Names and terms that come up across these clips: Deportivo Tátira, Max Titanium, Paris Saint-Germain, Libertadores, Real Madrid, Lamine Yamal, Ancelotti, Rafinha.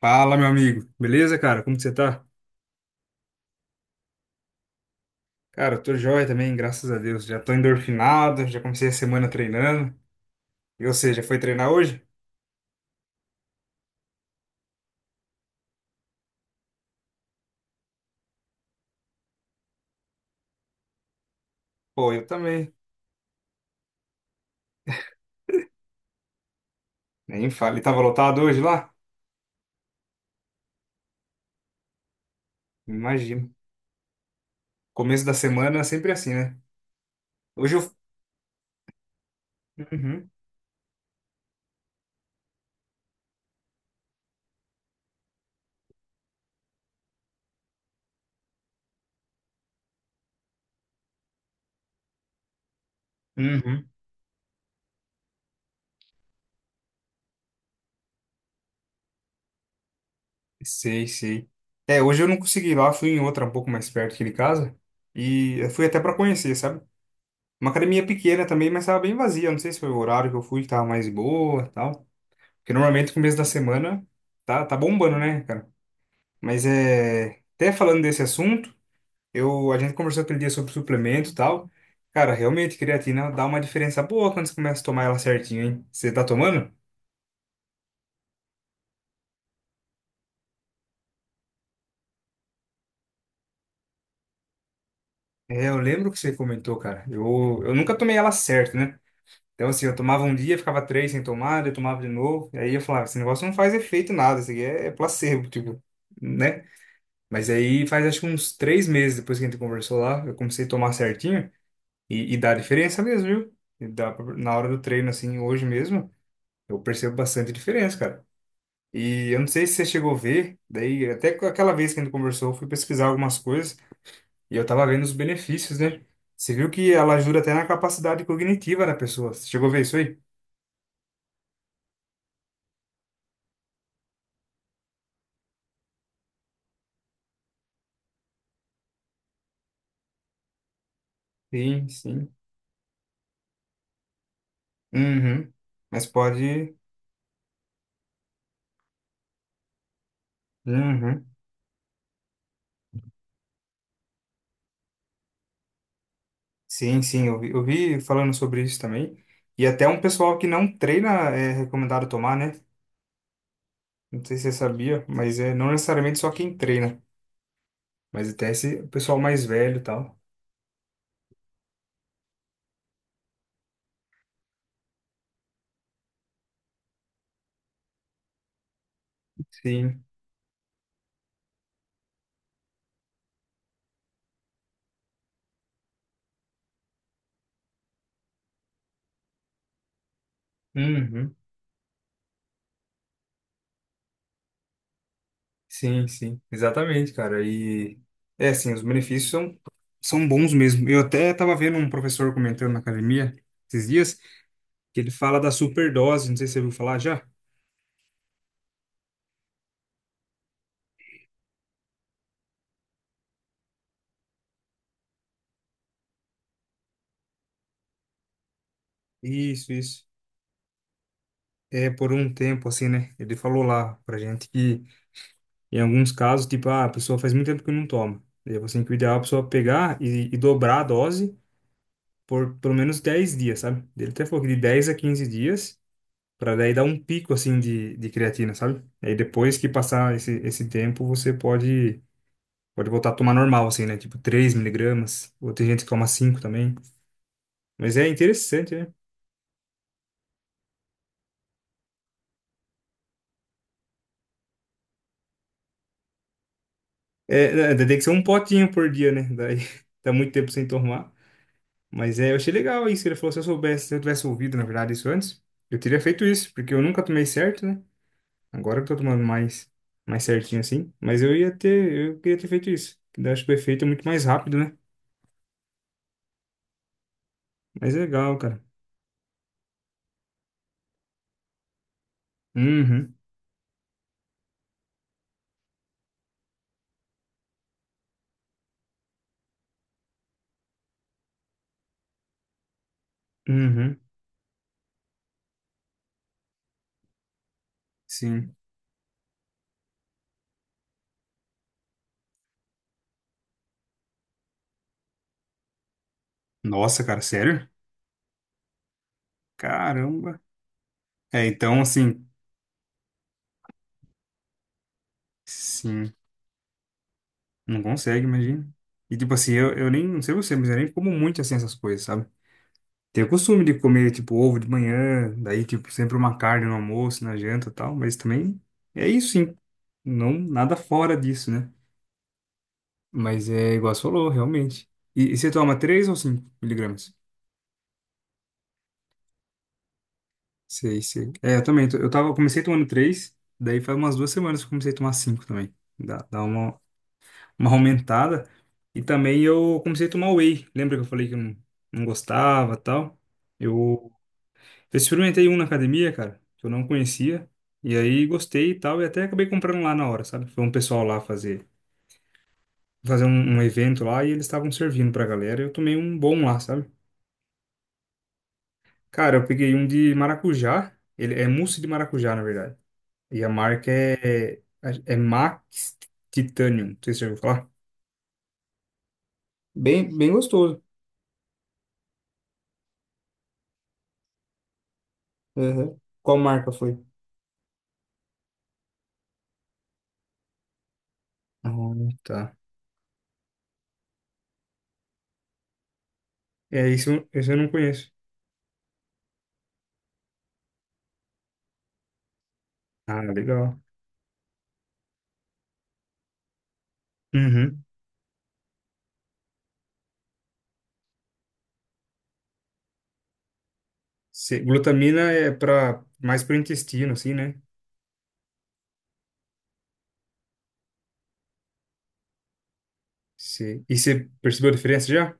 Fala, meu amigo. Beleza, cara? Como que você tá? Cara, eu tô joia também, graças a Deus. Já tô endorfinado, já comecei a semana treinando. E você, já foi treinar hoje? Pô, eu também. Nem fale. Tava lotado hoje lá? Imagino. Começo da semana é sempre assim, né? Hoje eu... Uhum, uhum. Sei, sei. É, hoje eu não consegui ir lá, fui em outra um pouco mais perto aqui de casa. E eu fui até pra conhecer, sabe? Uma academia pequena também, mas tava bem vazia. Não sei se foi o horário que eu fui que tava mais boa, e tal. Porque normalmente no começo da semana tá bombando, né, cara? Mas é. Até falando desse assunto, a gente conversou aquele dia sobre suplemento e tal. Cara, realmente, creatina dá uma diferença boa quando você começa a tomar ela certinho, hein? Você tá tomando? É, eu lembro que você comentou, cara. Eu nunca tomei ela certo, né? Então, assim, eu tomava um dia, ficava três sem tomar, daí eu tomava de novo. E aí eu falava, esse negócio não faz efeito nada, isso aqui é placebo, tipo, né? Mas aí faz acho que uns 3 meses depois que a gente conversou lá, eu comecei a tomar certinho. E dá diferença mesmo, viu? E dá pra- na hora do treino, assim, hoje mesmo, eu percebo bastante diferença, cara. E eu não sei se você chegou a ver, daí até com aquela vez que a gente conversou, eu fui pesquisar algumas coisas e eu tava vendo os benefícios, né? Você viu que ela ajuda até na capacidade cognitiva da pessoa. Você chegou a ver isso aí? Sim, sim. Uhum. Mas pode. Uhum. Sim, sim, eu vi falando sobre isso também. E até um pessoal que não treina é recomendado tomar, né? Não sei se você sabia, mas é não necessariamente só quem treina, mas até esse o pessoal mais velho e tal. Sim. Uhum. Sim, sim. Exatamente, cara. É assim, os benefícios são, são bons mesmo. Eu até tava vendo um professor comentando na academia esses dias que ele fala da superdose, não sei se você ouviu falar já. Isso, isso. É por um tempo assim, né? Ele falou lá pra gente que em alguns casos, tipo, ah, a pessoa faz muito tempo que não toma. E aí você tem que o ideal é a pessoa pegar e dobrar a dose por pelo menos 10 dias, sabe? Ele até falou que de 10 a 15 dias, para daí dar um pico assim de creatina, sabe? Aí depois que passar esse tempo, você pode pode voltar a tomar normal assim, né? Tipo 3 mg, ou tem gente que toma 5 também. Mas é interessante, né? É, né, tem que ser um potinho por dia, né? Daí tá muito tempo sem tomar. Mas é, eu achei legal isso. Ele falou, se eu soubesse, se eu tivesse ouvido, na verdade, isso antes, eu teria feito isso, porque eu nunca tomei certo, né? Agora que eu tô tomando mais, mais certinho assim. Mas eu ia ter, eu queria ter feito isso. Que daí acho que o efeito é muito mais rápido, né? Mas é legal, cara. Uhum, uhum, sim. Nossa, cara, sério? Caramba. É, então assim, sim, não consegue, imagina. E tipo assim, eu nem, não sei você, mas eu nem como muito assim essas coisas, sabe? Tenho o costume de comer, tipo, ovo de manhã, daí, tipo, sempre uma carne no almoço, na janta e tal, mas também é isso, sim. Não, nada fora disso, né? Mas é igual você falou, realmente. E você toma 3 ou 5 mg? Sei, sei. É, eu também. Eu tava, eu comecei tomando 3 daí faz umas 2 semanas que eu comecei a tomar 5 também. Dá uma aumentada. E também eu comecei a tomar whey. Lembra que eu falei que eu não, não gostava e tal? Eu, eu experimentei um na academia, cara, que eu não conhecia. E aí gostei e tal, e até acabei comprando lá na hora, sabe? Foi um pessoal lá fazer um, um evento lá e eles estavam servindo pra galera. Eu tomei um bom lá, sabe? Cara, eu peguei um de maracujá. Ele é mousse de maracujá, na verdade. E a marca é Max Titanium. Não sei se você já ouviu falar. Bem, bem gostoso. Uhum. Qual marca foi? Ah, tá. É, isso eu não conheço. Ah, legal. Uhum. Glutamina é para mais para o intestino, assim, né? E você percebeu a diferença já?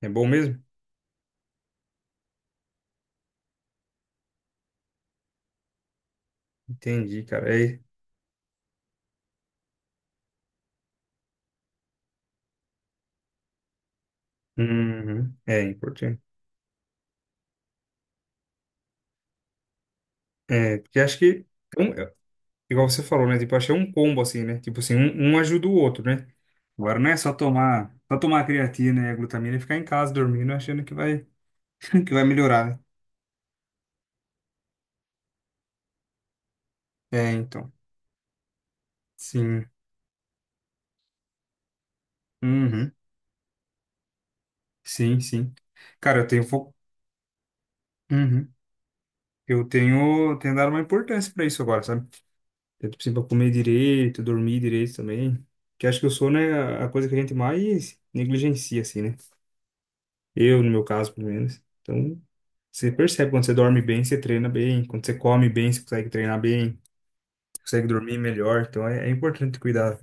É bom mesmo? Entendi, cara. É, uhum. É importante. É, porque acho que igual você falou, né? Tipo, achei um combo assim, né? Tipo assim, um ajuda o outro, né? Agora não é só tomar creatina e a glutamina e ficar em casa dormindo achando que vai, que vai melhorar, né? É, então. Sim. Uhum. Sim, sim. Cara, eu tenho fo... Uhum. Tenho dado uma importância pra isso agora, sabe? Eu, tipo assim, pra comer direito, dormir direito também. Que acho que o sono é a coisa que a gente mais negligencia, assim, né? Eu, no meu caso, pelo menos. Então, você percebe quando você dorme bem, você treina bem. Quando você come bem, você consegue treinar bem. Você consegue dormir melhor. Então é importante cuidar.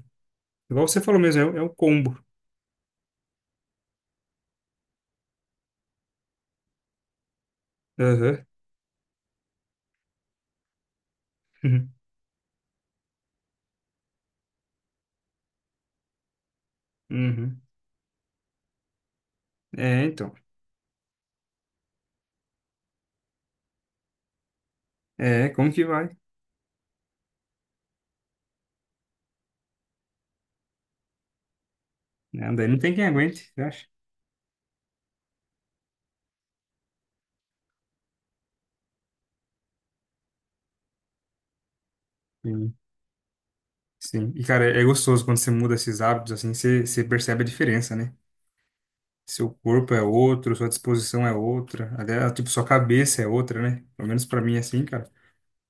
Igual você falou mesmo, é, é o combo. Aham. Uhum. É, então. É, como que vai? Né, daí não tem quem aguente, eu acho. Sim. Sim. E, cara, é gostoso quando você muda esses hábitos, assim, você percebe a diferença, né? Seu corpo é outro, sua disposição é outra, até, tipo, sua cabeça é outra, né? Pelo menos pra mim, é assim, cara.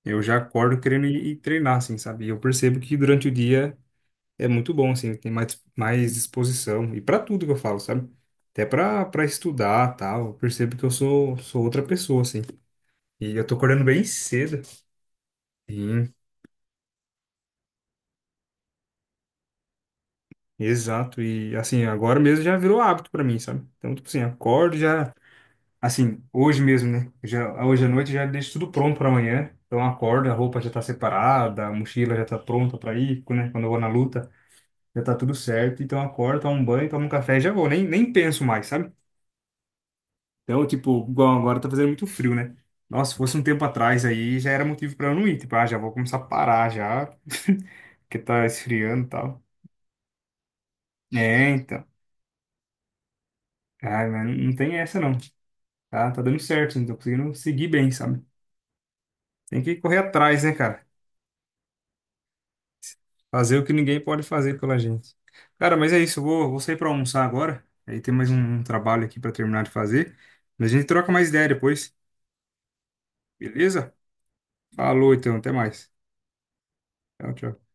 Eu já acordo querendo ir treinar, assim, sabe? E eu percebo que durante o dia é muito bom, assim, tem mais, mais disposição. E para tudo que eu falo, sabe? Até para estudar, tal. Eu percebo que sou outra pessoa, assim. E eu tô acordando bem cedo. Sim, exato. E, assim, agora mesmo já virou hábito para mim, sabe? Então, tipo assim, acordo já... Assim, hoje mesmo, né? Eu já, hoje à noite eu já deixo tudo pronto para amanhã. Então, eu acordo, a roupa já tá separada, a mochila já tá pronta para ir, né? Quando eu vou na luta, já tá tudo certo. Então, eu acordo, tomo um banho, tomo um café e já vou. Nem penso mais, sabe? Então, tipo, igual agora tá fazendo muito frio, né? Nossa, se fosse um tempo atrás aí, já era motivo pra eu não ir. Tipo, ah, já vou começar a parar já, porque tá esfriando e tal. É, então. Ah, mas não tem essa não. Tá dando certo, não tô conseguindo seguir bem, sabe? Tem que correr atrás, né, cara? Fazer o que ninguém pode fazer pela gente. Cara, mas é isso, vou sair pra almoçar agora. Aí tem mais um trabalho aqui pra terminar de fazer. Mas a gente troca mais ideia depois, beleza? Falou então, até mais. Tchau, tchau.